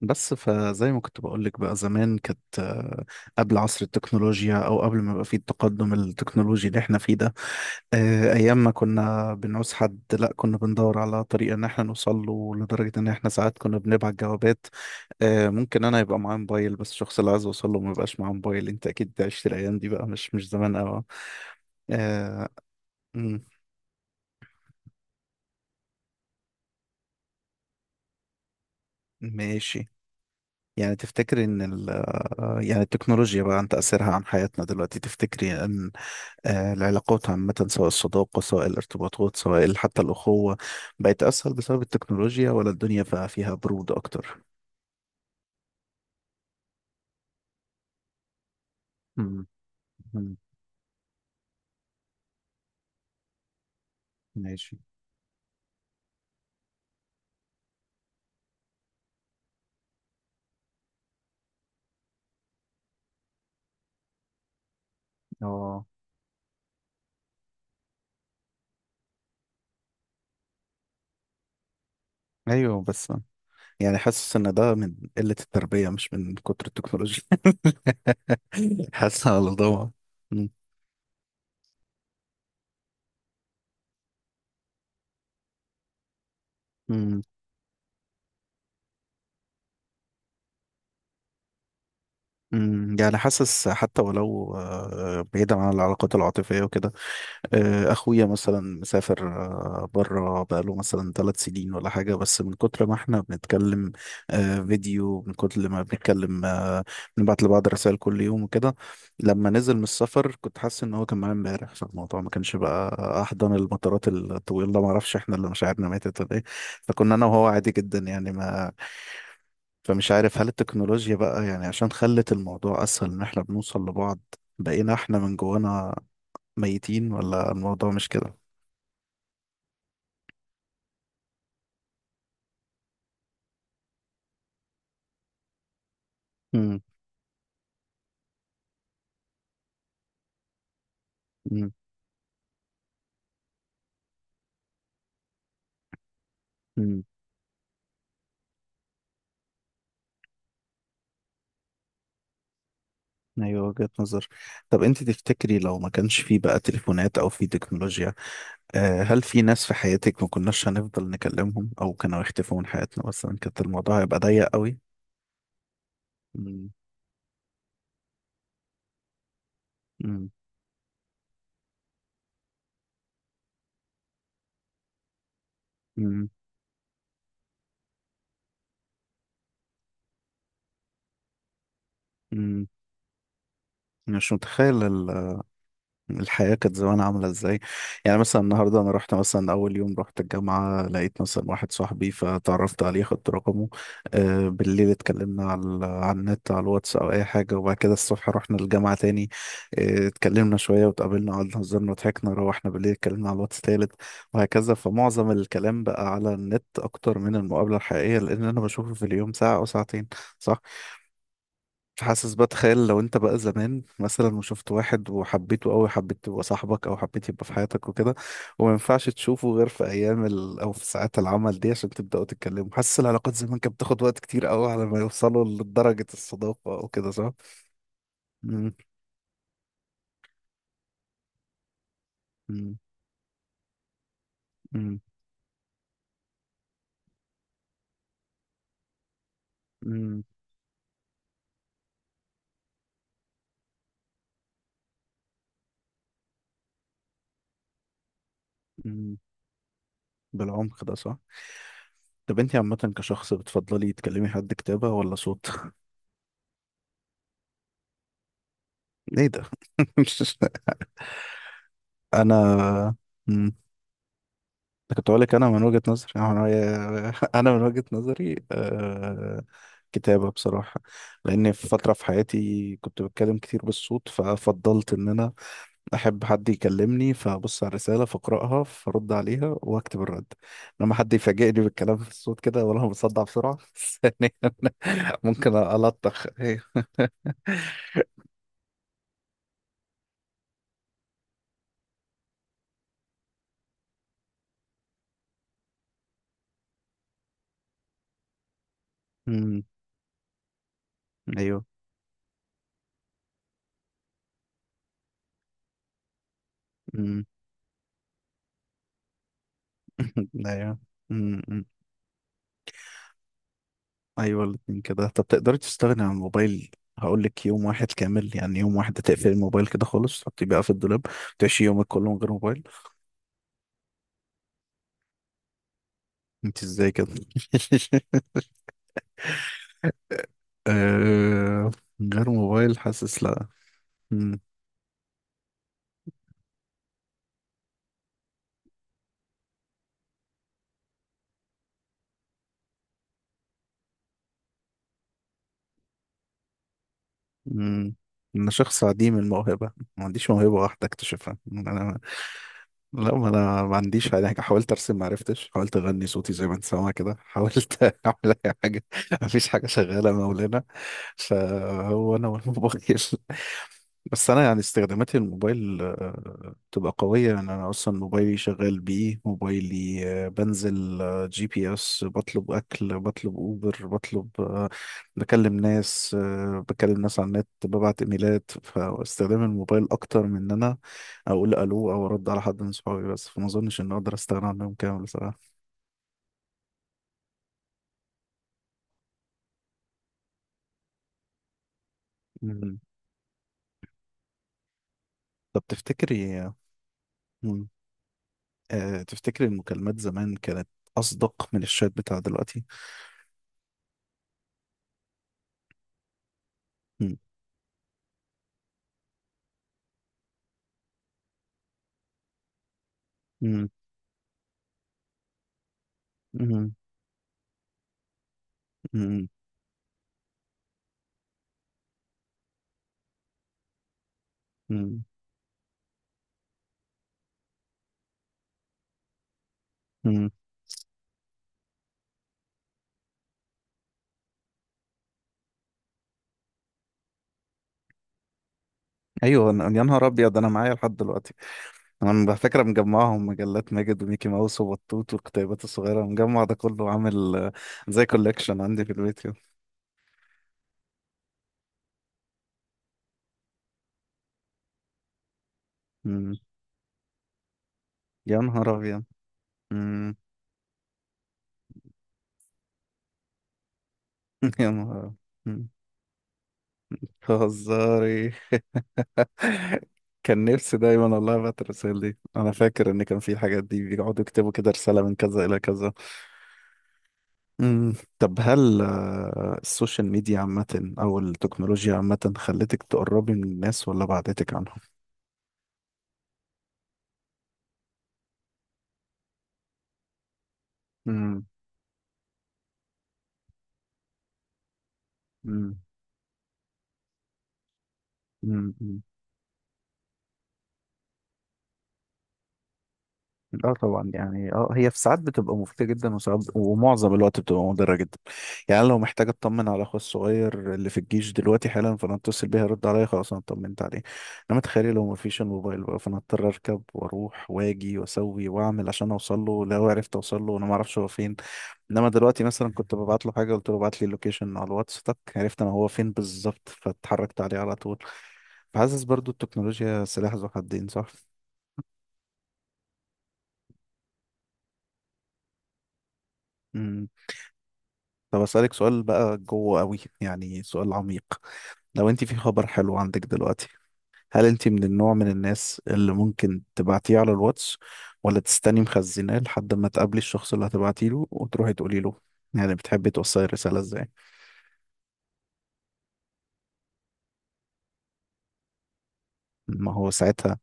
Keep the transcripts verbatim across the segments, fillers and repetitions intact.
بس فزي ما كنت بقولك بقى زمان كانت آه، قبل عصر التكنولوجيا او قبل ما يبقى فيه التقدم التكنولوجي اللي احنا فيه ده. آه، ايام ما كنا بنعوز حد لا كنا بندور على طريقه ان احنا نوصل له لدرجه ان احنا ساعات كنا بنبعت جوابات. آه، ممكن انا يبقى معايا موبايل بس الشخص اللي عايز اوصل له ما يبقاش معاه موبايل، انت اكيد عشت الايام دي بقى، مش مش زمان قوي. آه، مم، ماشي. يعني تفتكر ان ال آه، يعني التكنولوجيا بقى، عن تأثيرها عن حياتنا دلوقتي، تفتكري ان آه، العلاقات عامة، سواء الصداقة سواء الارتباطات سواء حتى الأخوة، بقت أسهل بسبب التكنولوجيا ولا الدنيا بقى فيها برود أكتر؟ مم. مم. ماشي. اه. أيوه بس. يعني حاسس إن ده من قلة التربية مش من كتر التكنولوجيا. حاسس على ضوء. يعني حاسس حتى ولو، آه، بعيدا عن العلاقات العاطفية وكده، آه، اخويا مثلا مسافر بره بقاله مثلا ثلاث سنين ولا حاجه، بس من كتر ما احنا بنتكلم آه، فيديو، من كتر ما بنتكلم آه، بنبعت لبعض رسائل كل يوم وكده، لما نزل من السفر كنت حاسس ان هو كان معايا امبارح، فالموضوع ما كانش بقى احضن المطارات الطويله. ما اعرفش احنا اللي مشاعرنا ماتت ولا ايه، فكنا انا وهو عادي جدا يعني. ما فمش عارف، هل التكنولوجيا بقى، يعني عشان خلت الموضوع اسهل ان احنا بنوصل لبعض، بقينا احنا من جوانا ميتين، ولا الموضوع مش كده؟ امم. امم. امم. ايوه وجهة نظر. طب انت تفتكري لو ما كانش في بقى تليفونات او في تكنولوجيا، آه، هل في ناس في حياتك ما كناش هنفضل نكلمهم او كانوا يختفوا من حياتنا مثلا، كانت الموضوع هيبقى ضيق قوي؟ امم. امم. امم. أمم. مش متخيل الحياة كانت زمان عاملة ازاي. يعني مثلا النهاردة انا رحت، مثلا اول يوم رحت الجامعة لقيت مثلا واحد صاحبي فتعرفت عليه خدت رقمه، آه بالليل اتكلمنا على ال- على النت، على الواتس او اي حاجة، وبعد كده الصبح رحنا الجامعة تاني، آه اتكلمنا شوية واتقابلنا قعدنا هزرنا وضحكنا، روحنا بالليل اتكلمنا على الواتس تالت، وهكذا. فمعظم الكلام بقى على النت اكتر من المقابلة الحقيقية، لان انا بشوفه في اليوم ساعة او ساعتين، صح؟ حاسس، بتخيل لو انت بقى زمان مثلا وشفت واحد وحبيته قوي، حبيت يبقى صاحبك او حبيت يبقى في حياتك وكده، وما ينفعش تشوفه غير في ايام ال... او في ساعات العمل دي عشان تبداوا تتكلموا، حاسس العلاقات زمان كانت بتاخد وقت كتير قوي على ما يوصلوا لدرجة الصداقة او كده، صح؟ مم، مم، مم، مم، مم. بالعمق ده، صح. طب انت عامة كشخص بتفضلي تكلمي حد كتابة ولا صوت؟ ايه ده؟ انا كنت أقول لك، أنا من وجهة نظري أنا، من وجهة، أنا من وجهة نظري آه... كتابة بصراحة. لأن في فترة في حياتي كنت بتكلم كتير بالصوت، ففضلت إن أنا أحب حد يكلمني فأبص على الرسالة فأقرأها فأرد عليها وأكتب الرد. لما حد يفاجئني بالكلام في الصوت كده ولا، أنا بصدع بسرعة، ثانيا ممكن ألطخ، أيوه. أمم، أيوه، أمم، أيوه. ايوه الاتنين كده. طب تقدري تستغني عن الموبايل؟ هقول لك، يوم واحد كامل، يعني يوم واحد تقفلي الموبايل كده خالص، تحطيه بقى في الدولاب، تعيشي يومك كله من غير موبايل. انت ازاي كده؟ آه، من غير موبايل، حاسس لا. مم. مم. انا شخص عديم الموهبه، ما عنديش موهبه واحده اكتشفها انا. لا، ما انا ما عنديش يعني، حاولت ارسم ما عرفتش، حاولت اغني صوتي زي ما انت سامع كده، حاولت اعمل اي حاجه، ما فيش حاجه شغاله مولانا، فهو انا والموبايل. بس انا يعني استخداماتي للموبايل آه، بتبقى قويه، يعني انا اصلا موبايلي شغال بيه، موبايلي آه، بنزل آه، جي بي اس، بطلب اكل، بطلب اوبر، بطلب آه، بكلم ناس آه، بكلم ناس على النت، ببعت ايميلات، فاستخدام الموبايل اكتر من ان انا اقول الو او ارد على حد من صحابي بس، فما اظنش ان اقدر استغنى عنهم كامل بصراحه. مم. طب تفتكري آه، مم. أه تفتكر المكالمات زمان كانت أصدق من الشات بتاع دلوقتي؟ مم. مم. مم. مم. مم. مم. أيوه، أنا يا نهار أبيض، أنا معايا لحد دلوقتي، أنا فاكرة، مجمعهم، مجلات ماجد وميكي ماوس وبطوط والكتيبات الصغيرة، مجمع ده كله عامل آه، زي كولكشن عندي في البيت كده. مم. يا نهار أبيض. مم. يا نهار. مم. هزاري. كان نفسي دايما والله ابعت الرسائل دي، انا فاكر ان كان في الحاجات دي بيقعدوا يكتبوا كده، رسالة من كذا الى كذا. مم. طب هل آه، السوشيال ميديا عامة أو التكنولوجيا عامة خلتك تقربي من الناس ولا بعدتك عنهم؟ مم. مم. مم. اه طبعا، يعني، اه هي في ساعات بتبقى مفيدة جدا، وساعات ومعظم الوقت بتبقى مضرة جدا. يعني أنا لو محتاج اطمن على اخويا الصغير اللي في الجيش دلوقتي حالا، فانا اتصل بيه يرد عليا، خلاص انا اطمنت عليه. انما تخيلي لو مفيش الموبايل بقى، فانا اضطر اركب واروح واجي واسوي واعمل عشان اوصل له، لو عرفت اوصل له وانا ما اعرفش هو فين. انما دلوقتي مثلا، كنت ببعت له حاجة، قلت له ابعت لي اللوكيشن على الواتس، تك عرفت انا هو فين بالظبط، فاتحركت عليه على طول. فحاسس برضو التكنولوجيا سلاح ذو حدين، صح؟ طب أسألك سؤال بقى جوه قوي، يعني سؤال عميق، لو انت في خبر حلو عندك دلوقتي، هل انت من النوع من الناس اللي ممكن تبعتيه على الواتس، ولا تستني مخزناه لحد ما تقابلي الشخص اللي هتبعتي له وتروحي تقولي له؟ يعني بتحبي توصلي الرسالة ازاي؟ ما هو ساعتها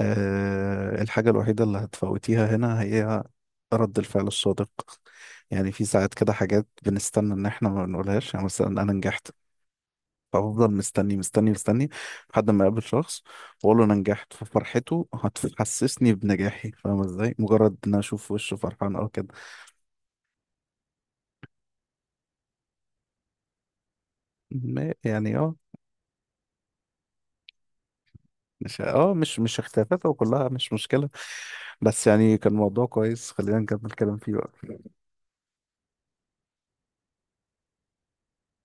آه الحاجة الوحيدة اللي هتفوتيها هنا هي رد الفعل الصادق. يعني في ساعات كده حاجات بنستنى ان احنا ما بنقولهاش، يعني مثلا انا نجحت، فافضل مستني مستني مستني لحد ما اقابل شخص واقول له انا نجحت، ففرحته هتحسسني بنجاحي، فاهم ازاي؟ مجرد ان انا اشوف وشه فرحان او كده. ما- يعني اه مش اه مش مش اختلافات، وكلها مش مشكلة، بس يعني كان موضوع كويس خلينا نكمل كلام فيه بقى.